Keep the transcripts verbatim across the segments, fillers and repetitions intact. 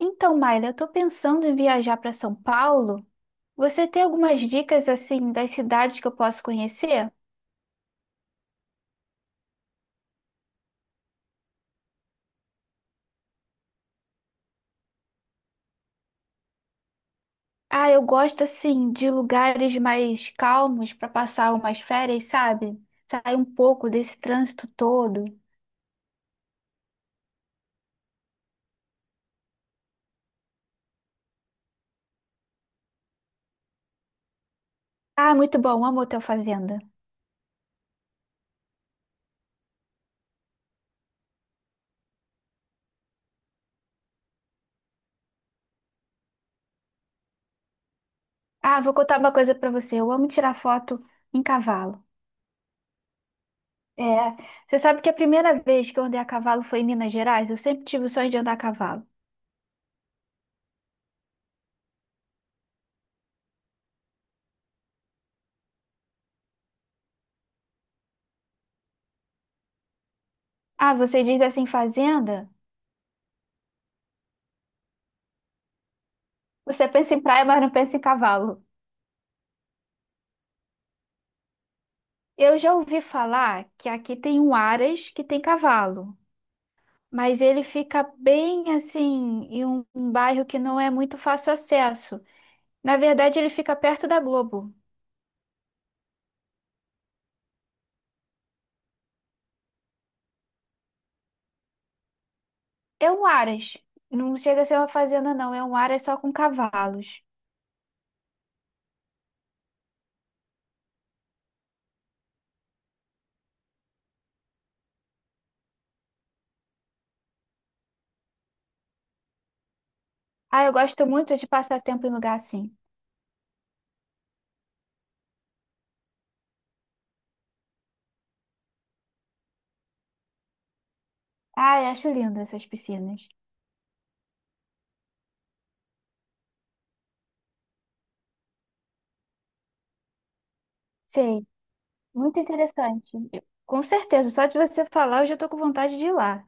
Então, Mayra, eu estou pensando em viajar para São Paulo. Você tem algumas dicas assim das cidades que eu posso conhecer? Ah, eu gosto assim de lugares mais calmos para passar umas férias, sabe? Sair um pouco desse trânsito todo. Ah, muito bom, amo Hotel Fazenda. Ah, vou contar uma coisa para você. Eu amo tirar foto em cavalo. É, você sabe que a primeira vez que eu andei a cavalo foi em Minas Gerais? Eu sempre tive o sonho de andar a cavalo. Ah, você diz assim, fazenda? Você pensa em praia, mas não pensa em cavalo. Eu já ouvi falar que aqui tem um Aras que tem cavalo, mas ele fica bem assim, em um, um bairro que não é muito fácil acesso. Na verdade, ele fica perto da Globo. É um Aras. Não chega a ser uma fazenda, não. É um Aras só com cavalos. Ah, eu gosto muito de passar tempo em lugar assim. Ah, eu acho lindo essas piscinas. Sei, muito interessante. Eu- com certeza, só de você falar, eu já tô com vontade de ir lá.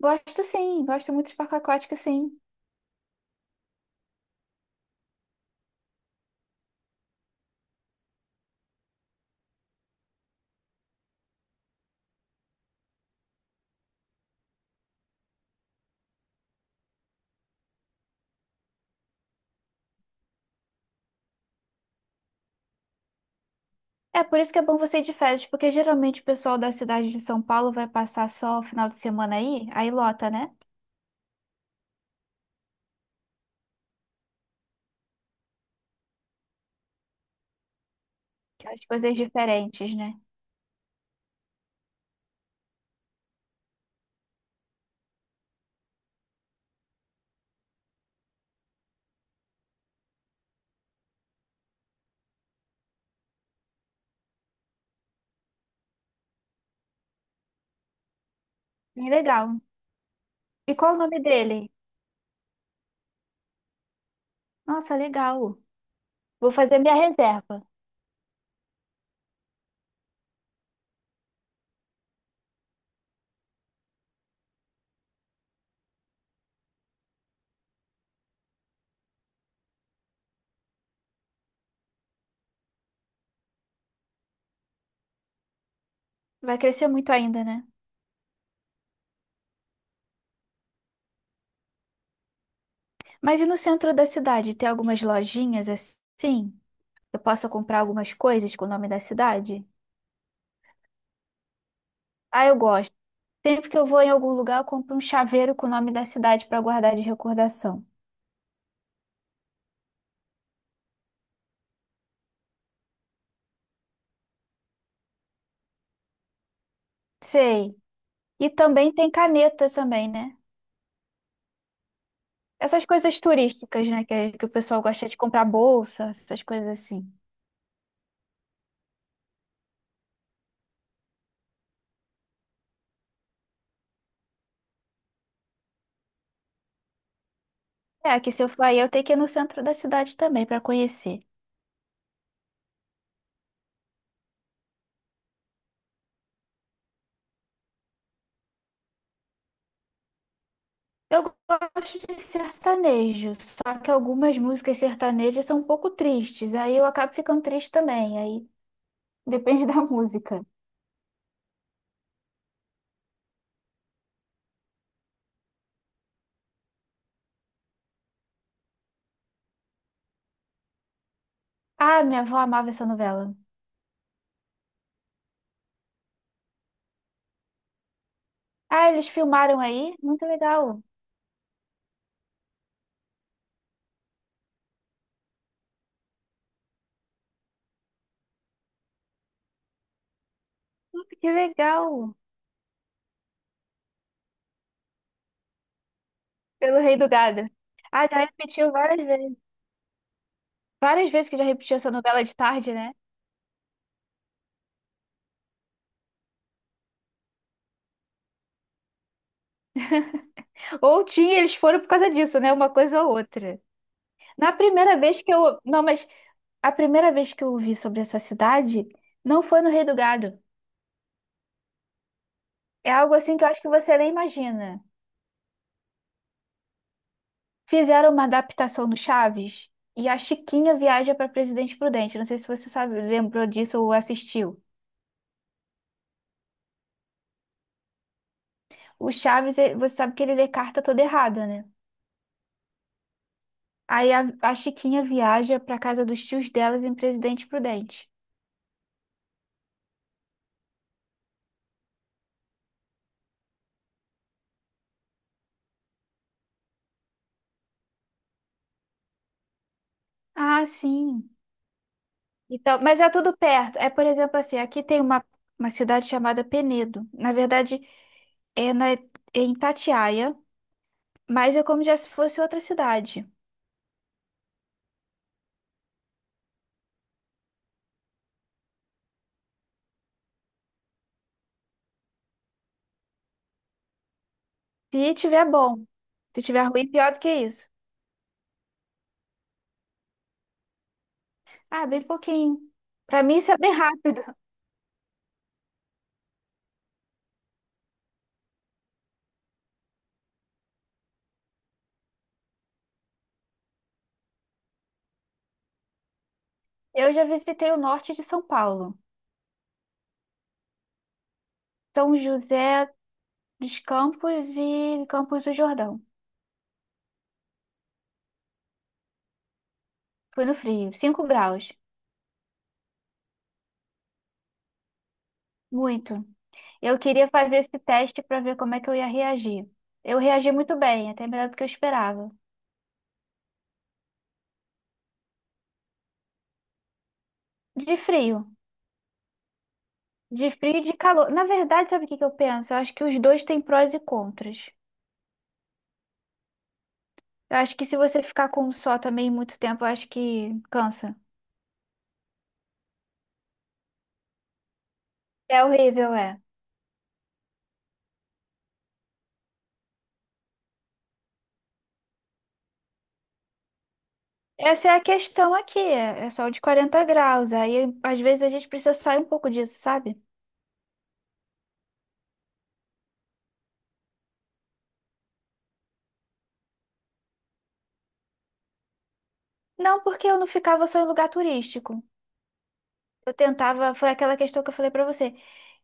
Gosto sim, gosto muito de parque aquático, sim. É por isso que é bom você ir de férias, porque geralmente o pessoal da cidade de São Paulo vai passar só o final de semana aí, aí lota, né? As coisas diferentes, né? Bem legal. E qual o nome dele? Nossa, legal. Vou fazer minha reserva. Vai crescer muito ainda, né? Mas e no centro da cidade, tem algumas lojinhas assim? Eu posso comprar algumas coisas com o nome da cidade? Ah, eu gosto. Sempre que eu vou em algum lugar, eu compro um chaveiro com o nome da cidade para guardar de recordação. Sei. E também tem caneta também, né? Essas coisas turísticas, né? Que, é, que o pessoal gosta de comprar bolsa, essas coisas assim. É, que se eu for aí, eu tenho que ir no centro da cidade também para conhecer. Eu gosto de sertanejo, só que algumas músicas sertanejas são um pouco tristes. Aí eu acabo ficando triste também. Aí depende da música. Ah, minha avó amava essa novela. Ah, eles filmaram aí? Muito legal. Nossa, que legal. Pelo Rei do Gado. Ah, já repetiu várias vezes. Várias vezes que já repetiu essa novela de tarde, né? Ou tinha, eles foram por causa disso, né? Uma coisa ou outra. Na primeira vez que eu. Não, mas a primeira vez que eu ouvi sobre essa cidade não foi no Rei do Gado. É algo assim que eu acho que você nem imagina. Fizeram uma adaptação no Chaves e a Chiquinha viaja para Presidente Prudente. Não sei se você sabe, lembrou disso ou assistiu. O Chaves, eh, você sabe que ele lê carta toda errada, né? Aí a, a Chiquinha viaja para casa dos tios delas em Presidente Prudente. Ah, sim. Então, mas é tudo perto. É, por exemplo, assim, aqui tem uma, uma cidade chamada Penedo. Na verdade, é, na, é em Itatiaia, mas é como já se fosse outra cidade. Se tiver bom, se tiver ruim, pior do que isso. Ah, bem pouquinho. Para mim, isso é bem rápido. Eu já visitei o norte de São Paulo, São José dos Campos e Campos do Jordão. Foi no frio, cinco graus. Muito. Eu queria fazer esse teste para ver como é que eu ia reagir. Eu reagi muito bem, até melhor do que eu esperava. De frio, de frio e de calor. Na verdade, sabe o que que eu penso? Eu acho que os dois têm prós e contras. Eu acho que se você ficar com um só também muito tempo, eu acho que cansa. É horrível, é. Essa é a questão aqui, é é sol de quarenta graus. Aí, às vezes, a gente precisa sair um pouco disso, sabe? Não, porque eu não ficava só em lugar turístico. Eu tentava, foi aquela questão que eu falei para você.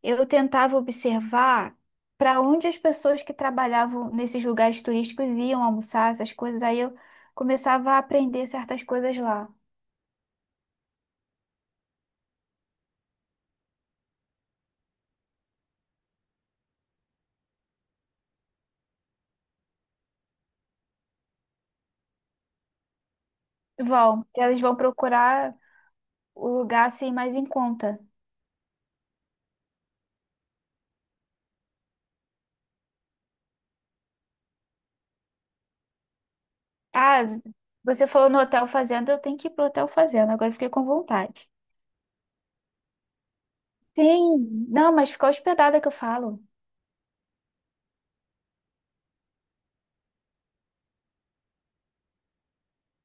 Eu tentava observar para onde as pessoas que trabalhavam nesses lugares turísticos iam almoçar, essas coisas. Aí eu começava a aprender certas coisas lá. Vão, elas vão procurar o lugar assim mais em conta. Ah, você falou no Hotel Fazenda, eu tenho que ir pro Hotel Fazenda. Agora eu fiquei com vontade. Sim, não, mas ficar hospedada que eu falo.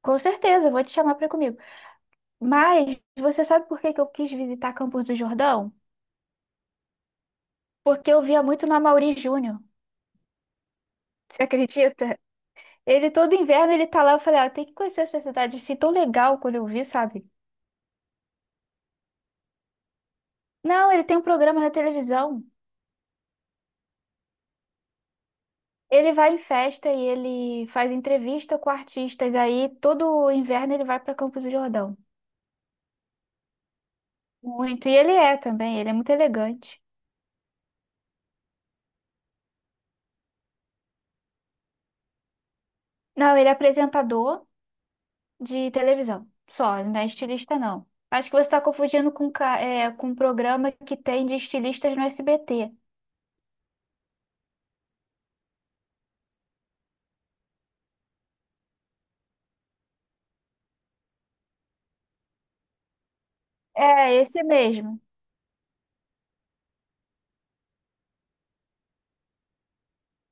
Com certeza, eu vou te chamar para comigo. Mas você sabe por que que eu quis visitar Campos do Jordão? Porque eu via muito na Mauri Júnior. Você acredita? Ele todo inverno ele tá lá, eu falei, ah, tem que conhecer essa cidade assim tão legal quando eu vi, sabe? Não, ele tem um programa na televisão. Ele vai em festa e ele faz entrevista com artistas. Aí todo inverno ele vai para Campos do Jordão. Muito. E ele é também, ele é muito elegante. Não, ele é apresentador de televisão. Só, ele não é estilista, não. Acho que você está confundindo com, ca- é, com um programa que tem de estilistas no S B T. É, esse mesmo.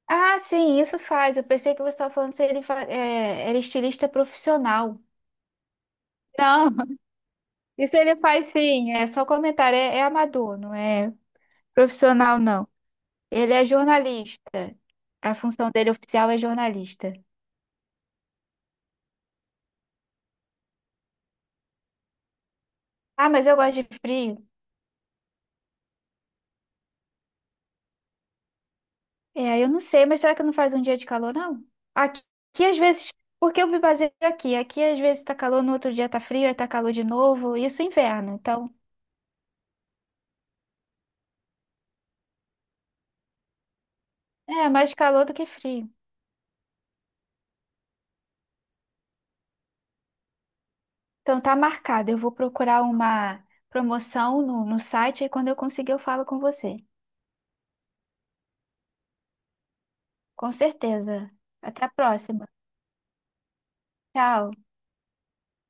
Ah, sim, isso faz. Eu pensei que você estava falando se ele fa- é, era estilista profissional. Não, isso ele faz sim. É só comentário. É, é amador, não é profissional, não. Ele é jornalista. A função dele oficial é jornalista. Ah, mas eu gosto de frio. É, eu não sei, mas será que não faz um dia de calor, não? Aqui, aqui às vezes, porque eu me baseio aqui. Aqui às vezes tá calor, no outro dia tá frio, aí tá calor de novo. Isso é inverno. Então, é mais calor do que frio. Então tá marcado. Eu vou procurar uma promoção no, no site e quando eu conseguir eu falo com você. Com certeza. Até a próxima. Tchau.